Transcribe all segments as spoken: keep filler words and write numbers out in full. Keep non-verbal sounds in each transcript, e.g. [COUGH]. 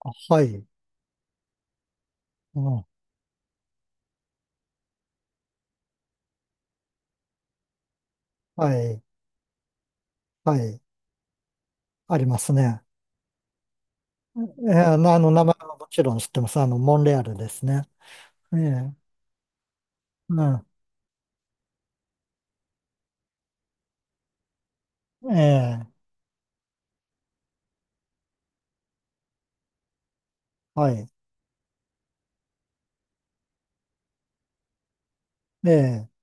あ、はい。うん、はい。はい。ありますね。ええあの、名前はもちろん知ってます。あの、モンレアルですね。ええ、うん。ええ、はい。ええ、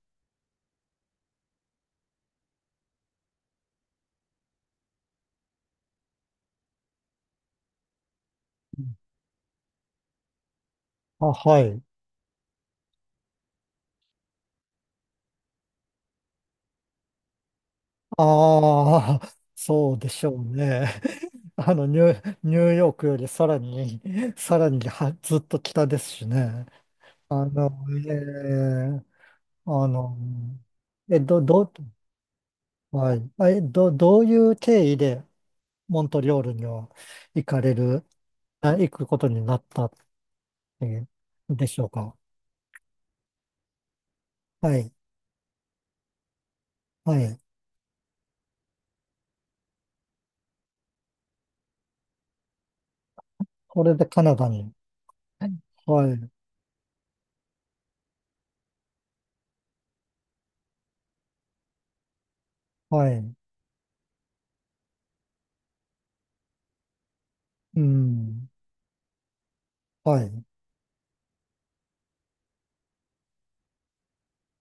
あ、はい。ああ、[LAUGHS] そうでしょうね。[LAUGHS] あの、ニュ、ニューヨークよりさらに、[LAUGHS] さらにはずっと北ですしね。あの、ええ、あの、え、ど、ど、はい。あえ、ど、どういう経緯で、モントリオールには行かれる、あ、行くことになったっていうんでしょうか。はい。はい。これでカナダに。はい。はい。うん。はい。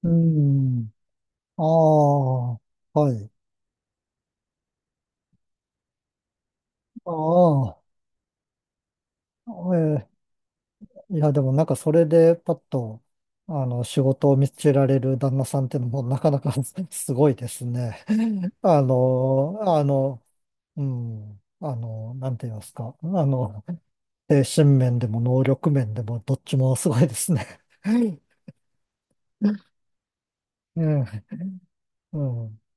うん。ああ。はい。ああ。えーいや、でもなんかそれでパッと、あの、仕事を見つけられる旦那さんっていうのもなかなか [LAUGHS] すごいですね。[LAUGHS] あの、あの、うん。あの、なんて言いますか。あの、精神面でも能力面でもどっちもすごいですね。はい、うん。 [LAUGHS]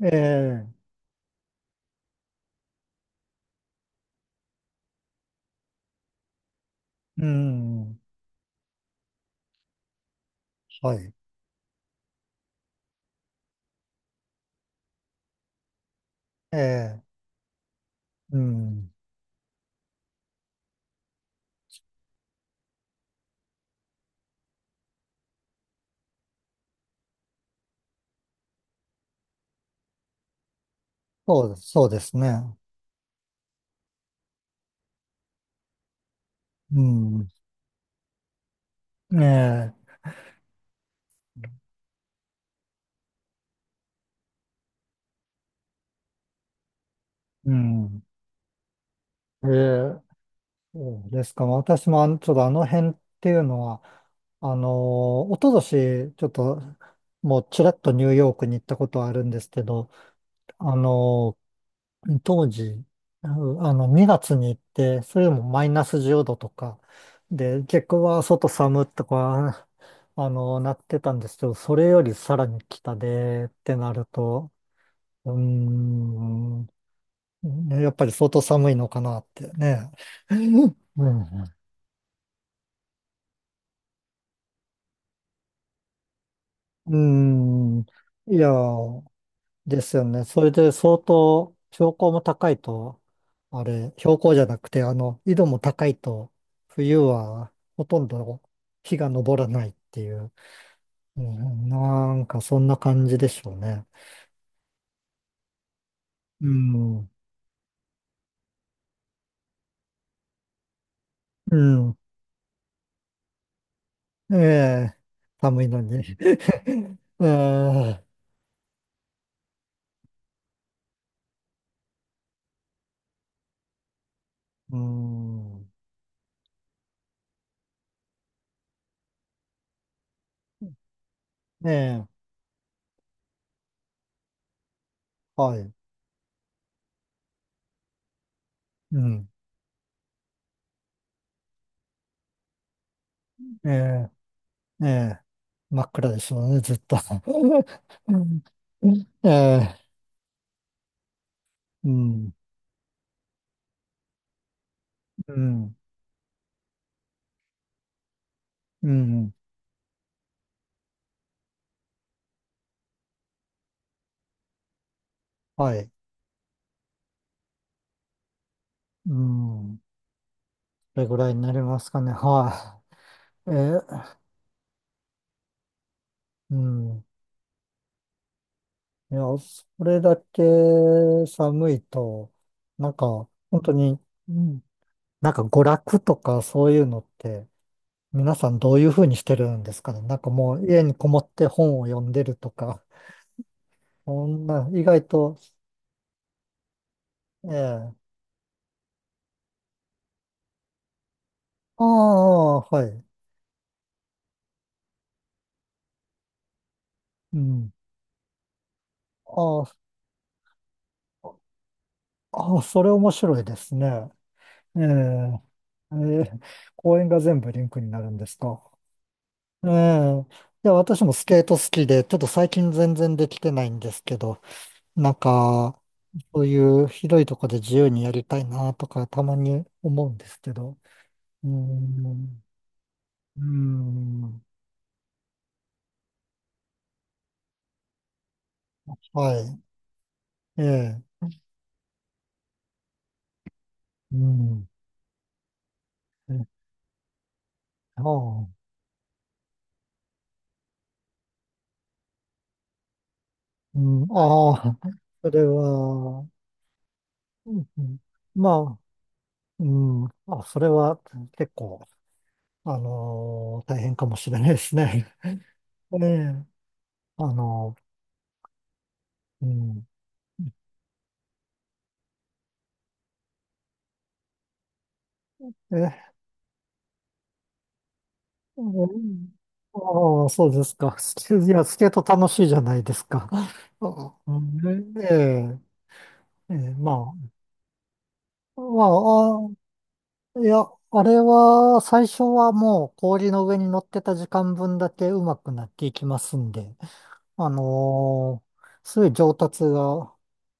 うん、ええ、うん、はい、ええ、うん、そうです、そうですね。うん、ええ、うん、ええ、そうですか。私もあの、ちょっとあの辺っていうのは、あの、おととし、ちょっと、もうちらっとニューヨークに行ったことはあるんですけど、あの、当時、あの、にがつに行って、それでもマイナスじゅうどとか、で、結構は外寒とか、あの、なってたんですけど、それよりさらに北でってなると、うーん、ねやっぱり相当寒いのかなってね。[LAUGHS] うん、うん、いやー、ですよね。それで相当標高も高いと、あれ、標高じゃなくて、あの、緯度も高いと、冬はほとんど日が昇らないっていう、うん、なんかそんな感じでしょうね。うん、うん、ええ、寒いのに。[LAUGHS] ええ、うん、ええ、はい、うん、ええ、ええ、真っ暗でしょうね、ずっと。[LAUGHS] うん、ええ、うん、うん。うん。はい。うん。それぐらいになりますかね。はい。え、うん。いや、それだけ寒いと、なんか、本当に、うん、なんか娯楽とかそういうのって、皆さんどういうふうにしてるんですかね。なんかもう家にこもって本を読んでるとか、そんな、意外と、ええ。ああ、はい。うん。ああ、ああ、それ面白いですね。ええ、ええ、公園が全部リンクになるんですか？ええ、いや、私もスケート好きで、ちょっと最近全然できてないんですけど、なんか、そういう広いとこで自由にやりたいなとか、たまに思うんですけど。うーん、うーん、はい、ええ、うん、えああ、うん、ああ、それは、うん、うん、まあ、うん、あ、それは結構、あのー大変かもしれないですね。[LAUGHS] ええ、あのーうん。え、うん、ああ、そうですか。スケ、いや、スケート楽しいじゃないですか？あ、うん、ええ、ええ、まあ、まあ、あ、いや、あれは、最初はもう氷の上に乗ってた時間分だけ上手くなっていきますんで、あのーすごい上達が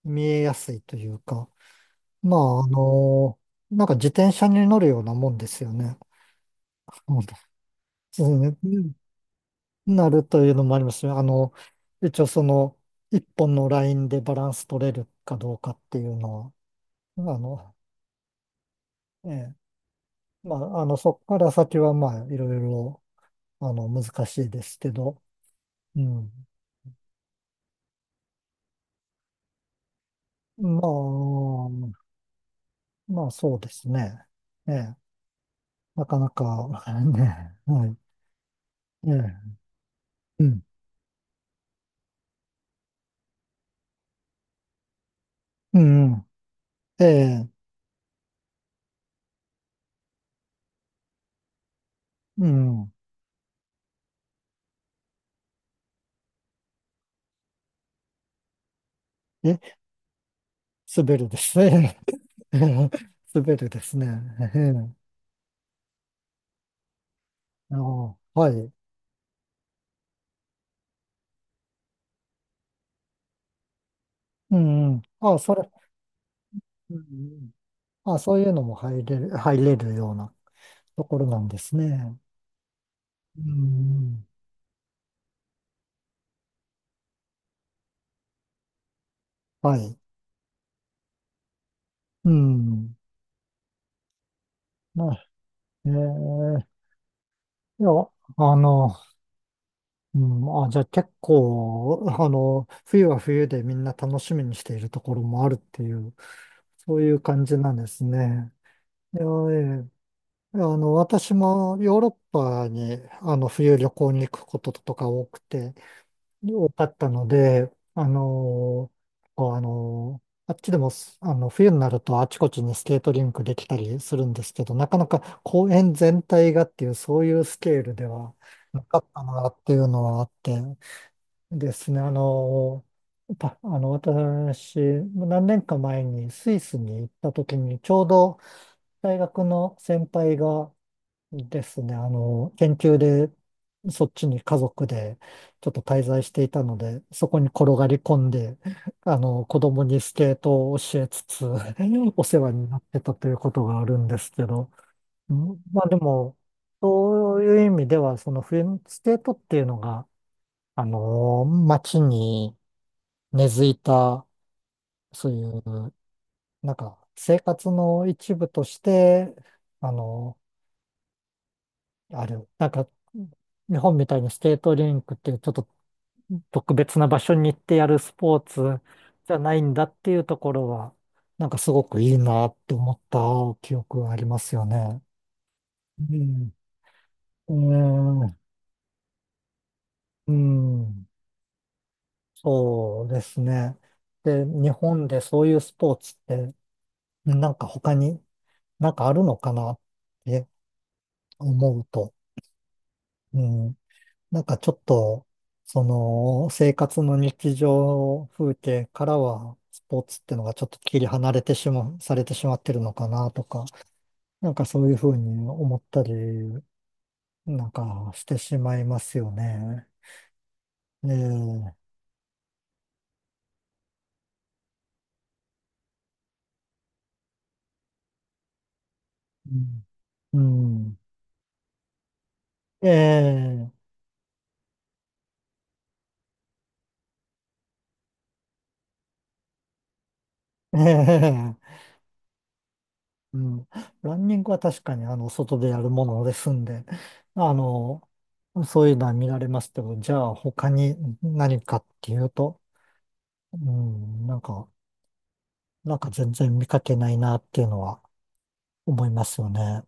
見えやすいというか、まあ、あのなんか自転車に乗るようなもんですよね。うん、そうね、なるというのもありますね。あの、一応その、一本のラインでバランス取れるかどうかっていうのは、あの、ええ、まあ、あの、そこから先はまあ、いろいろ、あの、難しいですけど、うん。まあ、まあ、そうですね。ええ、なかなか、[LAUGHS] ね、はい。ええ、うん、うん、うん、ええ、うん。え、滑るですね。[LAUGHS] 滑るですね。[LAUGHS] ええ、ああ、はい。うん、うん。ああ、それ、うん、うん、ああ、そういうのも入れる、入れるようなところなんですね。うん、うん。はい。うん。まあ、ええ、いや、あの、うん、あ、じゃあ結構、あの、冬は冬でみんな楽しみにしているところもあるっていう、そういう感じなんですね。いや、ええ、あの、私もヨーロッパに、あの、冬旅行に行くこととか多くて、多かったので、あの、こうあの、あっちでもす、あの、冬になるとあちこちにスケートリンクできたりするんですけど、なかなか公園全体がっていう、そういうスケールではなかったなっていうのはあって、ですね、あの、たあの、私、何年か前にスイスに行った時に、ちょうど大学の先輩が、ですね。あの、研究で、そっちに家族でちょっと滞在していたので、そこに転がり込んで、あの、子供にスケートを教えつつ、[LAUGHS] お世話になってたということがあるんですけど、うん、まあでも、そういう意味では、その冬のスケートっていうのが、あの、街に根付いた、そういう、なんか、生活の一部として、あの、ある。なんか、日本みたいにスケートリンクっていうちょっと特別な場所に行ってやるスポーツじゃないんだっていうところは、なんかすごくいいなって思った記憶がありますよね。うん。うん。うん、そうですね。で、日本でそういうスポーツって、なんか他になんかあるのかなって思うと、うん。なんかちょっと、その、生活の日常風景からは、スポーツってのがちょっと切り離れてしまう、されてしまってるのかなとか、なんかそういうふうに思ったり、なんかしてしまいますよね。ええ、うん。うん、ええ、ええ、うん。ランニングは確かに、あの、外でやるものですんで、あの、そういうのは見られますけど、じゃあ他に何かっていうと、うん、なんか、なんか全然見かけないなっていうのは思いますよね。